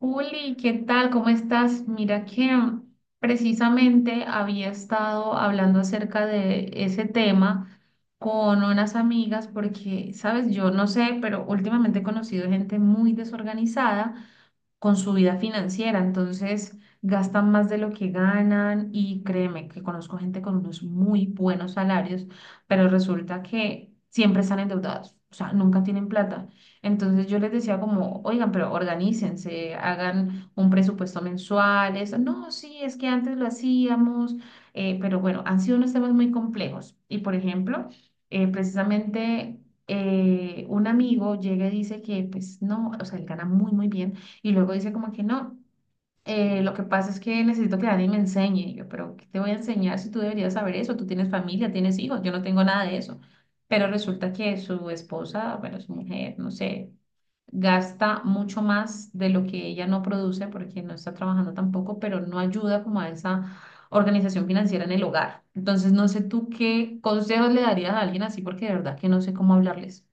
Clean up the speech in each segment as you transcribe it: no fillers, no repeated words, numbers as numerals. Juli, ¿qué tal? ¿Cómo estás? Mira que precisamente había estado hablando acerca de ese tema con unas amigas porque, sabes, yo no sé, pero últimamente he conocido gente muy desorganizada con su vida financiera, entonces gastan más de lo que ganan y créeme que conozco gente con unos muy buenos salarios, pero resulta que siempre están endeudados, o sea, nunca tienen plata. Entonces yo les decía como, oigan, pero organícense, hagan un presupuesto mensual, eso, no, sí, es que antes lo hacíamos, pero bueno, han sido unos temas muy complejos. Y por ejemplo, eh, precisamente... un amigo llega y dice que pues no, o sea, él gana muy, muy bien y luego dice como que no, lo que pasa es que necesito que alguien me enseñe. Y yo, pero ¿qué te voy a enseñar si tú deberías saber eso? Tú tienes familia, tienes hijos, yo no tengo nada de eso. Pero resulta que su esposa, bueno, su mujer, no sé, gasta mucho más de lo que ella no produce porque no está trabajando tampoco, pero no ayuda como a esa organización financiera en el hogar. Entonces, no sé tú qué consejos le darías a alguien así porque de verdad que no sé cómo hablarles.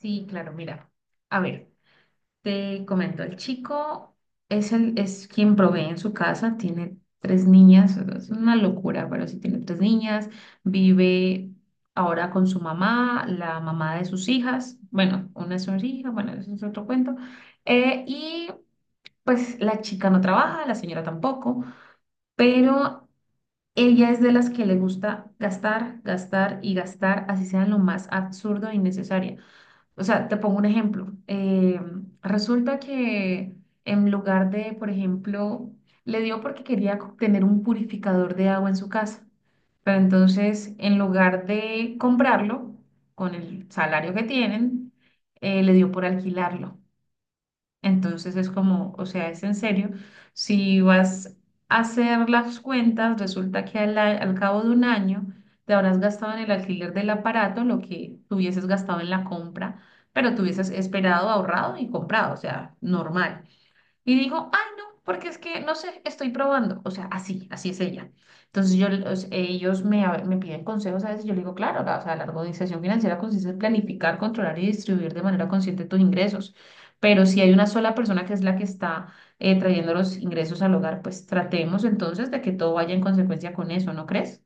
Sí, claro, mira, a ver. Te comento, el chico es quien provee en su casa, tiene tres niñas, es una locura, pero sí tiene tres niñas, vive ahora con su mamá, la mamá de sus hijas, bueno, una es su hija, bueno, eso es otro cuento, y pues la chica no trabaja, la señora tampoco, pero ella es de las que le gusta gastar, gastar y gastar, así sea en lo más absurdo e innecesario. O sea, te pongo un ejemplo. Resulta que en lugar de, por ejemplo, le dio porque quería tener un purificador de agua en su casa, pero entonces en lugar de comprarlo con el salario que tienen, le dio por alquilarlo. Entonces es como, o sea, es en serio, si vas a hacer las cuentas, resulta que al cabo de un año te habrás gastado en el alquiler del aparato lo que tuvieses gastado en la compra, pero tuvieses esperado, ahorrado y comprado, o sea, normal. Y dijo, ay, no, porque es que, no sé, estoy probando. O sea, así, así es ella. Entonces yo, o sea, ellos me piden consejos a veces, yo le digo, claro, la, o sea, la organización financiera consiste en planificar, controlar y distribuir de manera consciente tus ingresos. Pero si hay una sola persona que es la que está trayendo los ingresos al hogar, pues tratemos entonces de que todo vaya en consecuencia con eso, ¿no crees?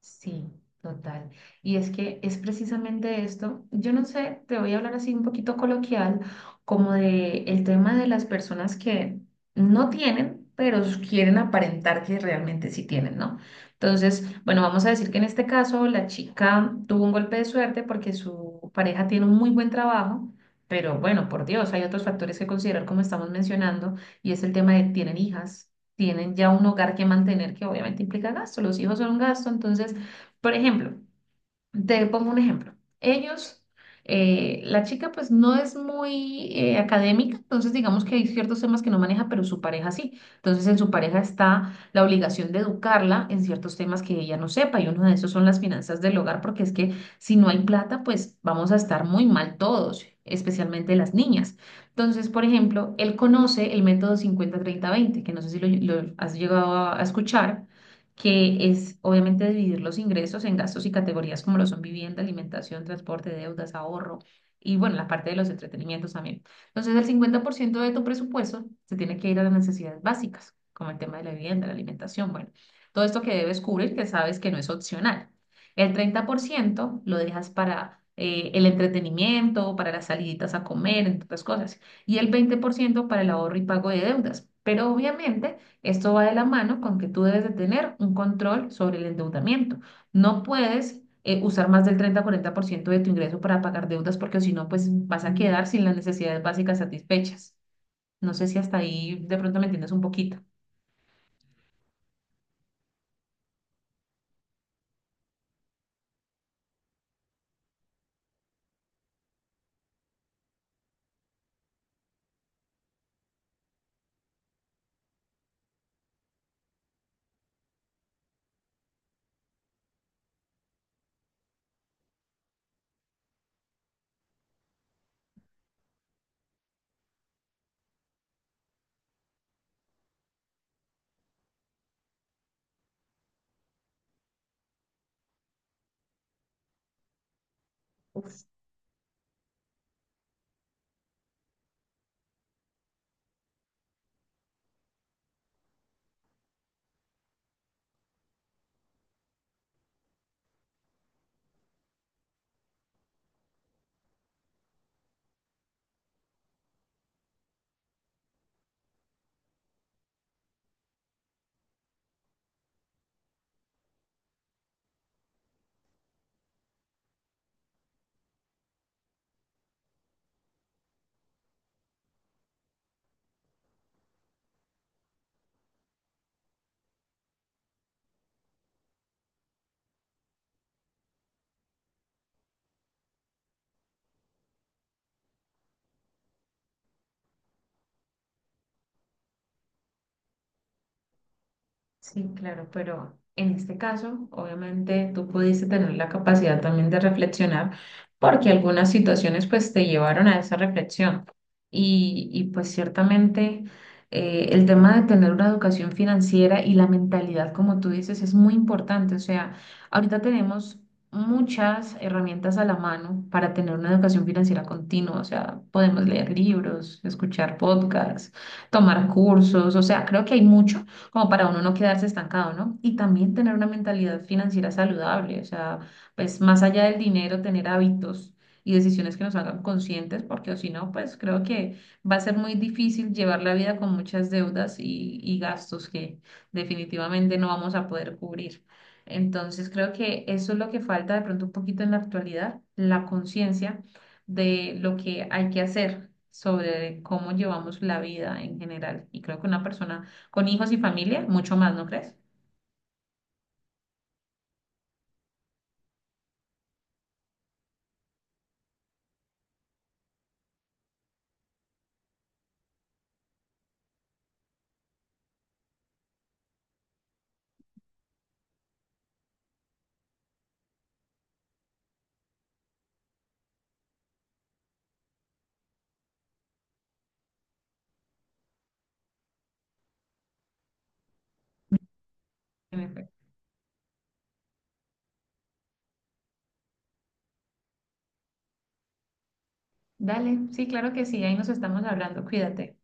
Sí, total. Y es que es precisamente esto. Yo no sé, te voy a hablar así un poquito coloquial, como de el tema de las personas que no tienen, pero quieren aparentar que realmente sí tienen, ¿no? Entonces, bueno, vamos a decir que en este caso la chica tuvo un golpe de suerte porque su pareja tiene un muy buen trabajo, pero bueno, por Dios, hay otros factores que considerar como estamos mencionando, y es el tema de tienen hijas, tienen ya un hogar que mantener, que obviamente implica gasto. Los hijos son un gasto. Entonces, por ejemplo, te pongo un ejemplo. Ellos, la chica pues no es muy académica, entonces digamos que hay ciertos temas que no maneja, pero su pareja sí. Entonces en su pareja está la obligación de educarla en ciertos temas que ella no sepa y uno de esos son las finanzas del hogar, porque es que si no hay plata, pues vamos a estar muy mal todos, especialmente las niñas. Entonces, por ejemplo, él conoce el método 50-30-20, que no sé si lo has llegado a escuchar, que es obviamente dividir los ingresos en gastos y categorías como lo son vivienda, alimentación, transporte, deudas, ahorro y bueno, la parte de los entretenimientos también. Entonces, el 50% de tu presupuesto se tiene que ir a las necesidades básicas, como el tema de la vivienda, la alimentación, bueno, todo esto que debes cubrir, que sabes que no es opcional. El 30% lo dejas para el entretenimiento, para las saliditas a comer, entre otras cosas, y el 20% para el ahorro y pago de deudas. Pero obviamente esto va de la mano con que tú debes de tener un control sobre el endeudamiento. No puedes usar más del 30-40% de tu ingreso para pagar deudas porque si no, pues vas a quedar sin las necesidades básicas satisfechas. No sé si hasta ahí de pronto me entiendes un poquito. Sí, claro, pero en este caso, obviamente, tú pudiste tener la capacidad también de reflexionar, porque algunas situaciones pues te llevaron a esa reflexión. Pues ciertamente el tema de tener una educación financiera y la mentalidad, como tú dices, es muy importante. O sea, ahorita tenemos muchas herramientas a la mano para tener una educación financiera continua. O sea, podemos leer libros, escuchar podcasts, tomar cursos. O sea, creo que hay mucho como para uno no quedarse estancado, ¿no? Y también tener una mentalidad financiera saludable, o sea, pues más allá del dinero, tener hábitos y decisiones que nos hagan conscientes, porque o si no, pues creo que va a ser muy difícil llevar la vida con muchas deudas y gastos que definitivamente no vamos a poder cubrir. Entonces creo que eso es lo que falta de pronto un poquito en la actualidad, la conciencia de lo que hay que hacer sobre cómo llevamos la vida en general. Y creo que una persona con hijos y familia, mucho más, ¿no crees? En efecto. Dale, sí, claro que sí, ahí nos estamos hablando, cuídate.